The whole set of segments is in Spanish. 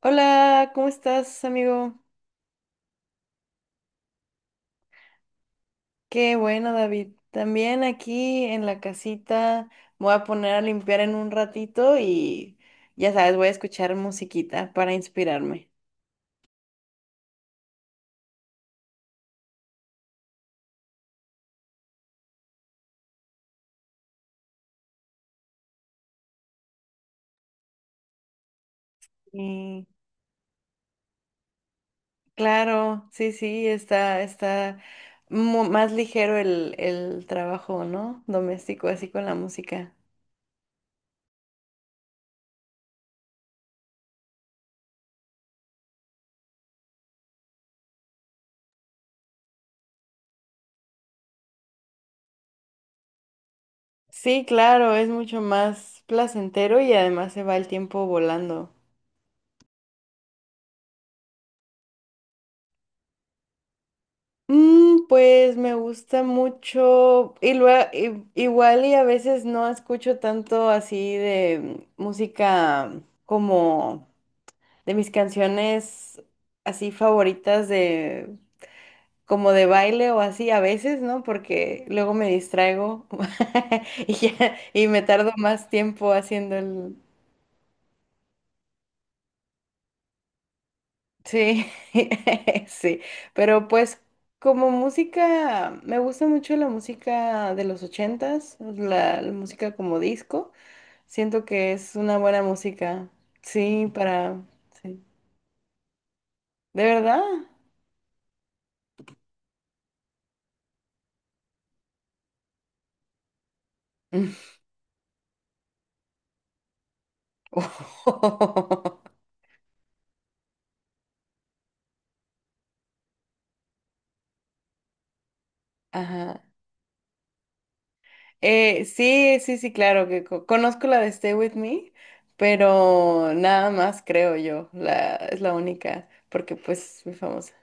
Hola, ¿cómo estás, amigo? Qué bueno, David. También aquí en la casita me voy a poner a limpiar en un ratito y ya sabes, voy a escuchar musiquita para inspirarme. Y claro, sí, sí, está más ligero el trabajo, ¿no? Doméstico, así con la música. Sí, claro, es mucho más placentero y además se va el tiempo volando. Pues me gusta mucho y luego igual y a veces no escucho tanto así de música como de mis canciones así favoritas de como de baile o así a veces, ¿no? Porque luego me distraigo y me tardo más tiempo haciendo el. Sí, sí, pero pues como música, me gusta mucho la música de los ochentas, la música como disco, siento que es una buena música, sí, para, sí, ¿de verdad? Ajá. Sí, sí, sí, claro, que conozco la de Stay With Me, pero nada más creo yo, la, es la única, porque pues muy famosa.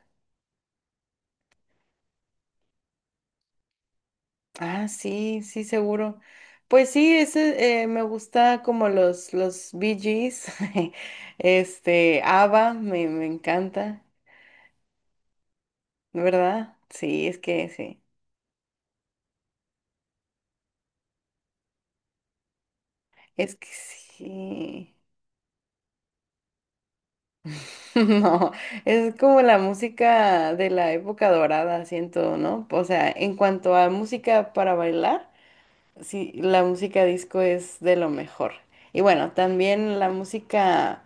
Ah, sí, sí, seguro. Pues sí, ese me gusta como los Bee Gees, este, ABBA, me encanta, ¿verdad? Sí, es que sí, es que sí. No, es como la música de la época dorada, siento, ¿no? O sea, en cuanto a música para bailar. Sí, la música disco es de lo mejor. Y bueno, también la música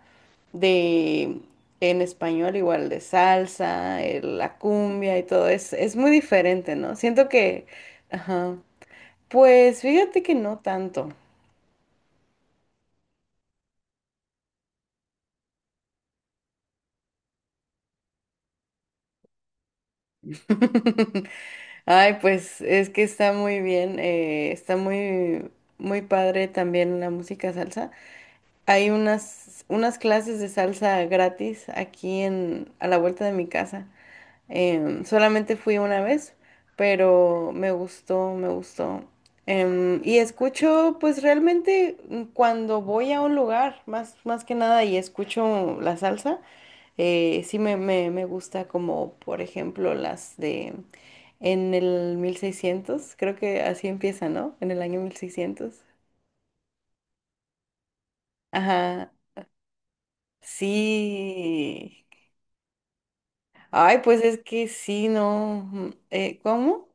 de en español, igual de salsa, la cumbia y todo, es muy diferente, ¿no? Siento que, ajá, pues fíjate que no tanto. Ay, pues es que está muy bien, está muy, muy padre también la música salsa. Hay unas, unas clases de salsa gratis aquí en, a la vuelta de mi casa. Solamente fui una vez, pero me gustó, me gustó. Y escucho, pues realmente cuando voy a un lugar, más, más que nada, y escucho la salsa, sí me gusta como, por ejemplo, las de en el 1600, creo que así empieza, ¿no? En el año 1600. Ajá, sí. Ay, pues es que sí, no. ¿Cómo?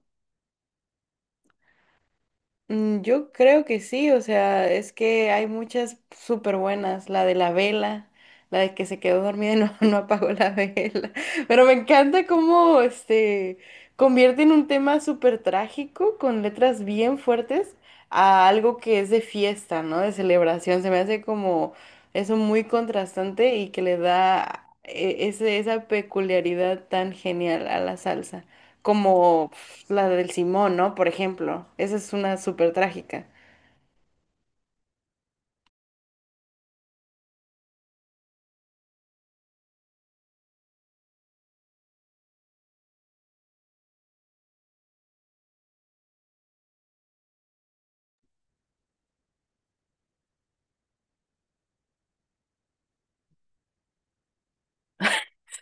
Mm, yo creo que sí, o sea, es que hay muchas súper buenas, la de la vela, la de que se quedó dormida y no, no apagó la vela, pero me encanta cómo este convierten un tema súper trágico con letras bien fuertes a algo que es de fiesta, ¿no? De celebración, se me hace como eso muy contrastante y que le da esa peculiaridad tan genial a la salsa como pf, la del Simón, ¿no? Por ejemplo, esa es una súper trágica.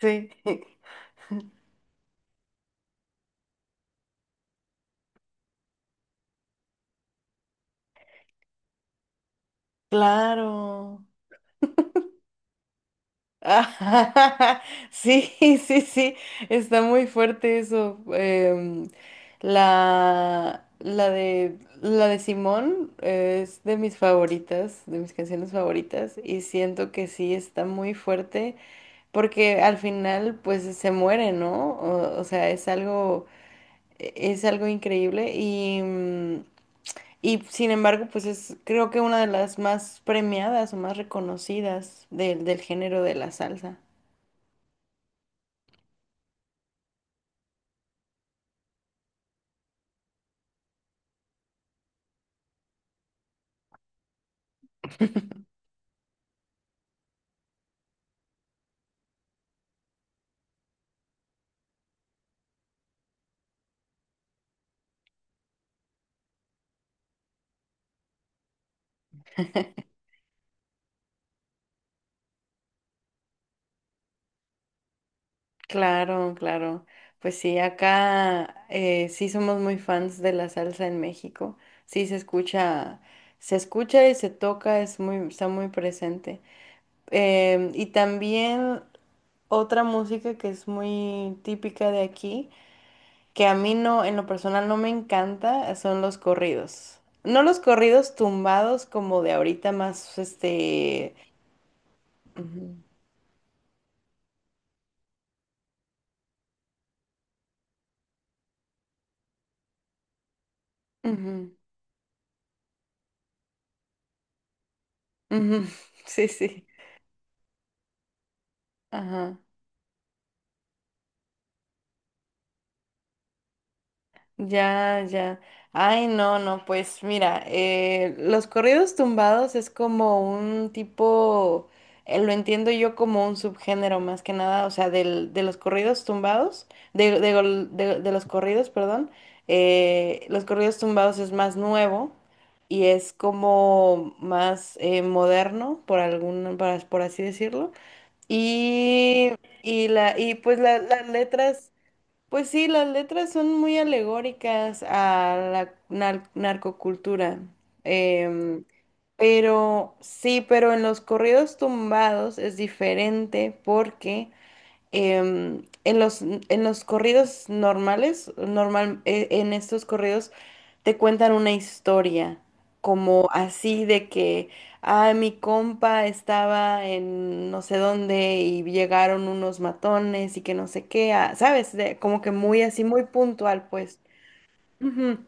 Sí, claro. Ah, sí, sí, sí, está muy fuerte eso. La de Simón es de mis favoritas, de mis canciones favoritas, y siento que sí está muy fuerte porque al final pues se muere, ¿no? O sea, es algo... Es algo increíble y, y sin embargo, pues es creo que una de las más premiadas o más reconocidas del género de la salsa. Claro, claro. Pues sí, acá sí somos muy fans de la salsa en México. Sí se escucha y se toca, es muy, está muy presente. Y también otra música que es muy típica de aquí que a mí no, en lo personal no me encanta, son los corridos. No los corridos tumbados como de ahorita más, este... Ujú, ujú, ujú, sí, sí. Ajá. Ya, ya. Ay, no, no, pues mira, los corridos tumbados es como un tipo, lo entiendo yo como un subgénero más que nada, o sea, del, de los corridos tumbados, de los corridos, perdón, los corridos tumbados es más nuevo y es como más moderno, por algún, por así decirlo. Y, y pues las letras... Pues sí, las letras son muy alegóricas a la narcocultura. Em, pero sí, pero en los corridos tumbados es diferente porque en en los corridos normales, normal, en estos corridos te cuentan una historia, como así de que, ah, mi compa estaba en no sé dónde y llegaron unos matones y que no sé qué, ah, ¿sabes? De- como que muy así, muy puntual, pues. Ujú.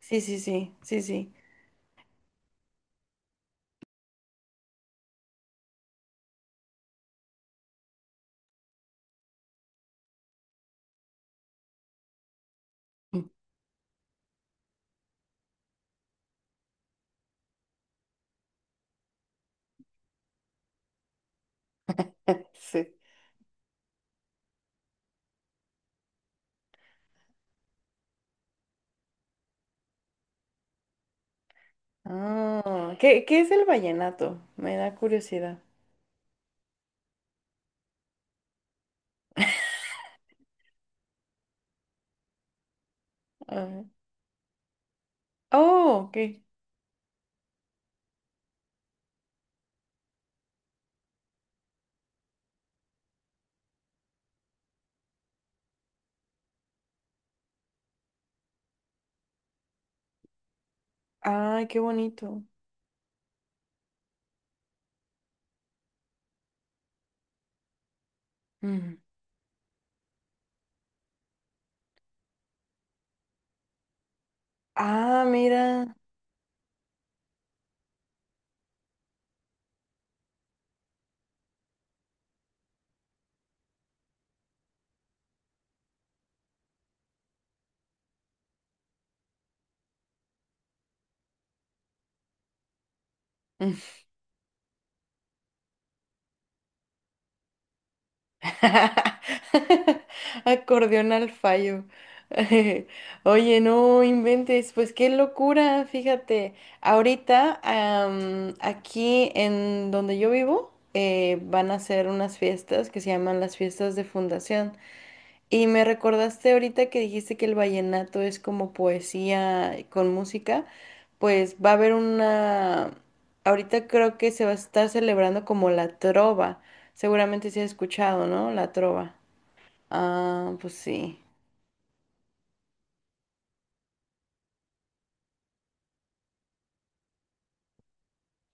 Sí, sí, sí, sí, sí. Mm. Sí. Ah, ¿qué, qué es el vallenato? Me da curiosidad. Ah, oh, ok. Ay, qué bonito. Mm. Ah, mira. Acordeón al fallo. Oye, no inventes, pues qué locura, fíjate. Ahorita, aquí en donde yo vivo, van a hacer unas fiestas que se llaman las fiestas de fundación. Y me recordaste ahorita que dijiste que el vallenato es como poesía con música, pues va a haber una, ahorita creo que se va a estar celebrando como la trova, seguramente se ha escuchado, ¿no? La trova. Ah, pues sí.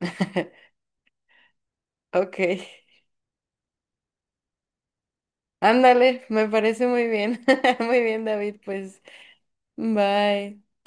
Ok. Ándale, me parece muy bien. Muy bien, David, pues bye.